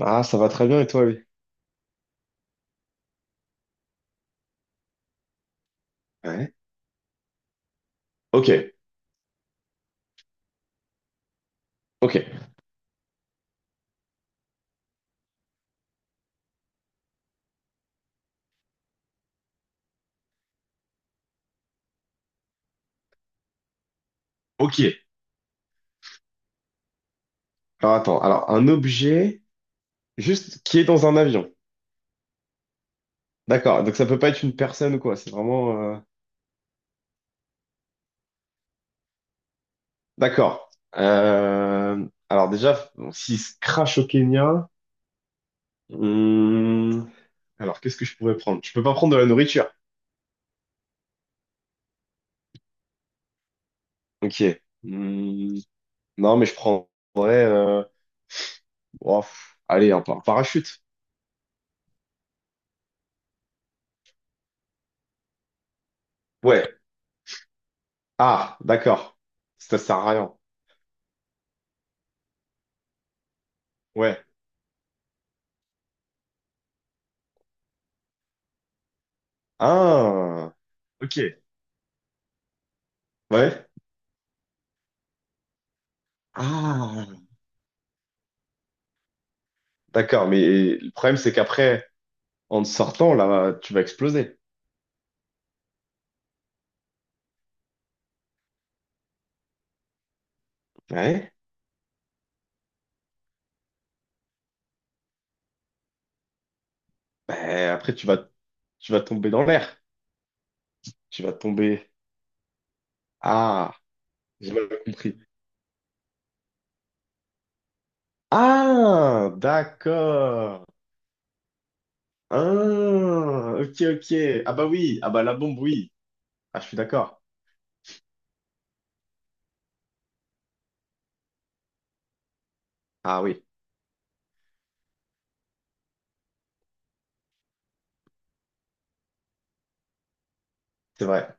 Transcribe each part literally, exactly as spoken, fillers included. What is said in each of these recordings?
Ah, ça va très bien et toi, lui? Ouais. Ok, ok, ok. Alors attends, alors un objet juste qui est dans un avion. D'accord, donc ça peut pas être une personne ou quoi, c'est vraiment euh, d'accord. Euh, Alors déjà, bon, s'il se crache au Kenya... hum, alors qu'est-ce que je pourrais prendre? Je peux pas prendre de la nourriture. Ok. Hum, non, mais je prendrais... euh, oh, pff, allez, un par- parachute. Ouais. Ah, d'accord. Ça sert à rien. Ouais. Ah, ok. Ouais. Ah, d'accord, mais le problème, c'est qu'après, en te sortant, là, tu vas exploser. Ouais. Ben, après, tu vas, tu vas tomber dans l'air. Tu vas tomber. Ah, j'ai mal compris. Ah, d'accord. Ah, ok, ok. Ah bah oui, ah bah la bombe, oui. Ah, je suis d'accord. Ah oui, c'est vrai.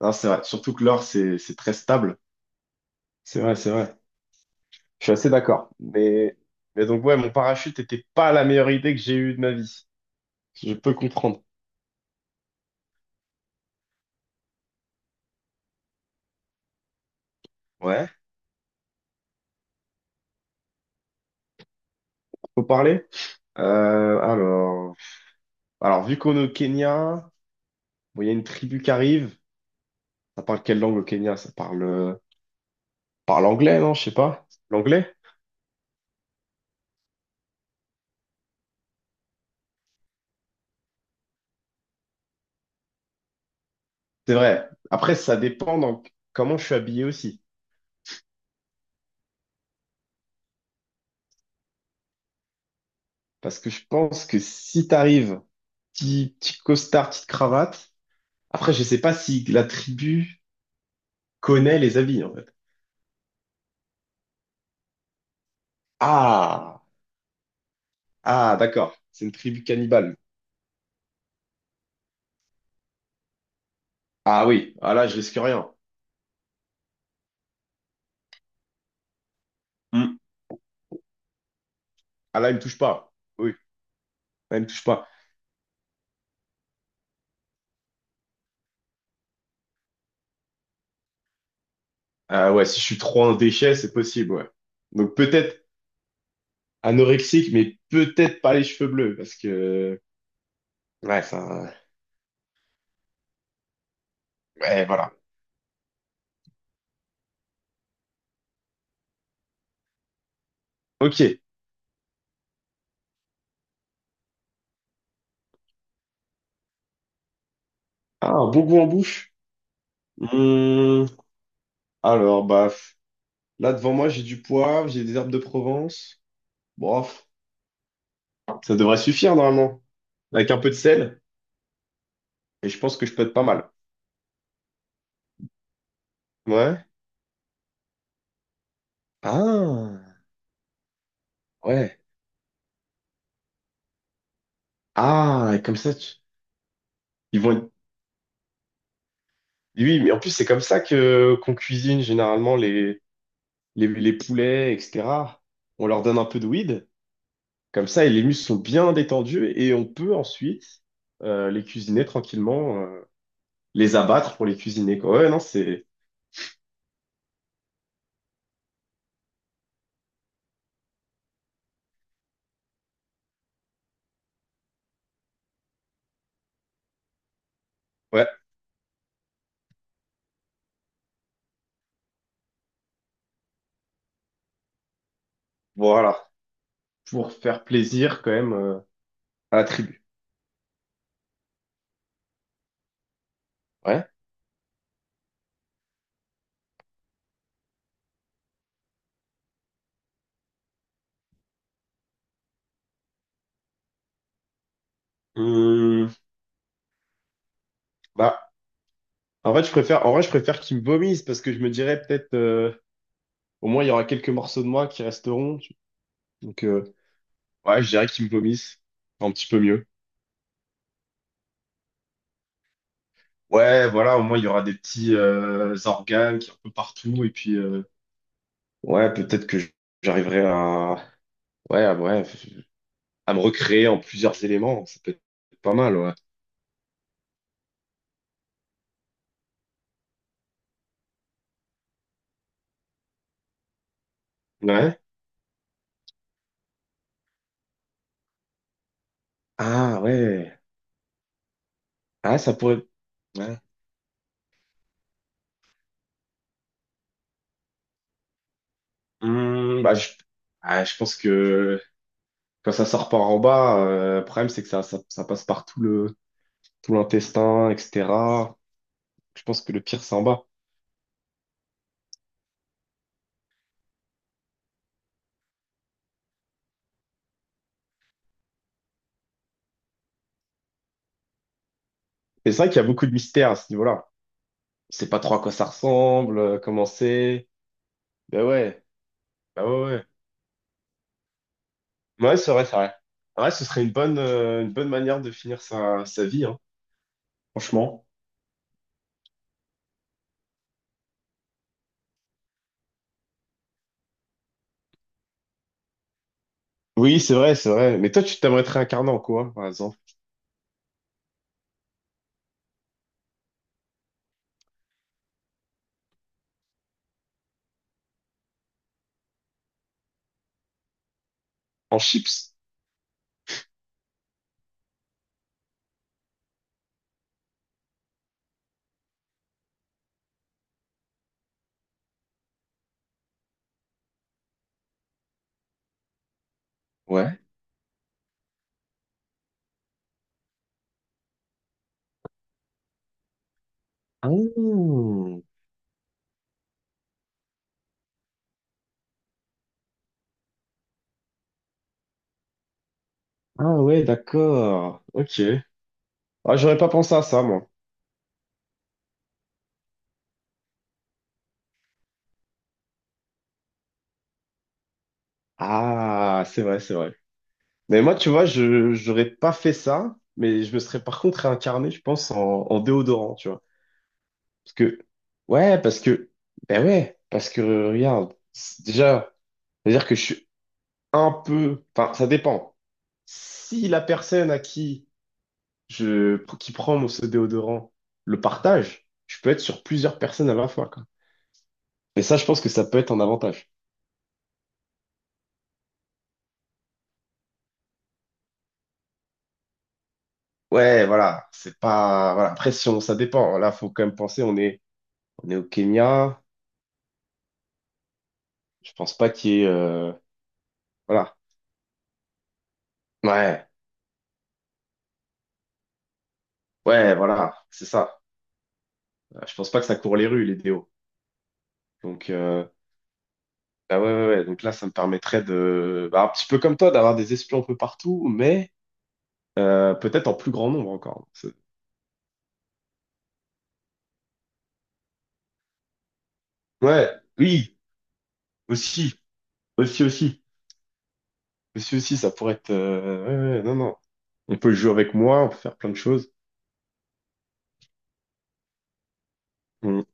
Non, c'est vrai. Surtout que l'or, c'est, c'est très stable. C'est vrai, c'est vrai. Je suis assez d'accord. Mais, mais donc, ouais, mon parachute était pas la meilleure idée que j'ai eue de ma vie. Si je peux comprendre. Ouais. Faut parler? Euh, alors, alors, vu qu'on est au Kenya, bon, il y a une tribu qui arrive. Ça parle quelle langue au Kenya? Ça parle, euh, parle anglais, non? Je sais pas. L'anglais? C'est vrai. Après, ça dépend dans comment je suis habillé aussi. Parce que je pense que si t'arrives, petit, petit costard, petite cravate, après, je sais pas si la tribu connaît les habits, en fait. Ah! Ah, d'accord. C'est une tribu cannibale. Ah oui. Ah là, je risque rien. Mm. Ah là, il me touche pas. Oui, elle me touche pas. Ah ouais, si je suis trop un déchet, c'est possible, ouais. Donc peut-être anorexique, mais peut-être pas les cheveux bleus, parce que... ouais, ça... ouais, voilà. Ok. Ah, un bon goût en bouche. Hmm, Alors, bah, là devant moi, j'ai du poivre, j'ai des herbes de Provence. Bof, ça devrait suffire normalement. Avec un peu de sel, et je pense que je peux être pas mal. Ouais. Ah, ouais. Ah, et comme ça, tu- ils vont... être- oui, mais en plus, c'est comme ça que qu'on cuisine généralement les... les, les poulets, et cetera. On leur donne un peu de weed, comme ça, et les muscles sont bien détendus et on peut ensuite euh, les cuisiner tranquillement, euh, les abattre pour les cuisiner, quoi. Ouais, non, c'est... ouais, voilà. Pour faire plaisir quand même euh, à la tribu. Ouais. Hum, bah, en vrai, je préfère, en vrai, je préfère qu'ils me vomissent parce que je me dirais peut-être... euh, au moins, il y aura quelques morceaux de moi qui resteront. Donc, euh, ouais, je dirais qu'ils me vomissent un petit peu mieux. Ouais, voilà, au moins il y aura des petits euh, organes qui sont un peu partout et puis euh, ouais, peut-être que j'arriverai à ouais, à, ouais, à me recréer en plusieurs éléments, ça peut être pas mal, ouais. Ouais. Ah ouais. Ah, ça pourrait ouais. Hmm, bah je ah, je pense que quand ça sort par en bas, euh, le problème c'est que ça, ça ça passe par tout le tout l'intestin, et cetera. Je pense que le pire c'est en bas. Mais c'est vrai qu'il y a beaucoup de mystères à ce niveau-là. On sait pas trop à quoi ça ressemble, euh, comment c'est. Ben ouais. Bah ouais, ouais. Ouais, c'est vrai, c'est vrai. Ouais, ce serait une bonne, euh, une bonne manière de finir sa, sa vie, hein, franchement. Oui, c'est vrai, c'est vrai. Mais toi, tu t'aimerais te réincarner en quoi, par exemple? En chips? Ouais. Ah, ah ouais, d'accord. Ok. Ah, j'aurais pas pensé à ça, moi. Ah, c'est vrai, c'est vrai. Mais moi, tu vois, je j'aurais pas fait ça, mais je me serais par contre réincarné, je pense, en, en déodorant, tu vois. Parce que, ouais, parce que, ben ouais, parce que, regarde, c'est- déjà, c'est-à-dire que je suis un peu, enfin, ça dépend. Si la personne à qui je, qui prend mon ce déodorant le partage, je peux être sur plusieurs personnes à la fois, quoi. Et ça, je pense que ça peut être un avantage. Ouais, voilà, c'est pas, voilà, après, si on- ça dépend. Là, faut quand même penser, on est, on est au Kenya. Je pense pas qu'il y ait, euh, voilà. Ouais, ouais, voilà, c'est ça. Euh, Je pense pas que ça court les rues, les déos. Donc, euh, bah ouais, ouais, ouais. Donc là, ça me permettrait de, bah, un petit peu comme toi, d'avoir des espions un peu partout, mais Euh, peut-être en plus grand nombre encore. C'est- ouais, oui, aussi, aussi, aussi, aussi, aussi, ça pourrait être. euh, ouais, ouais, non, non. On peut jouer avec moi, on peut faire plein de choses. Mm.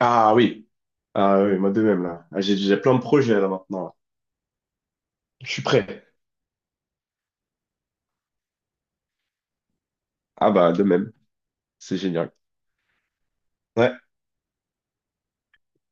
Ah oui, ah oui, moi de même là. Ah, j'ai j'ai plein de projets là maintenant. Là. Je suis prêt. Ah bah de même, c'est génial. Ouais.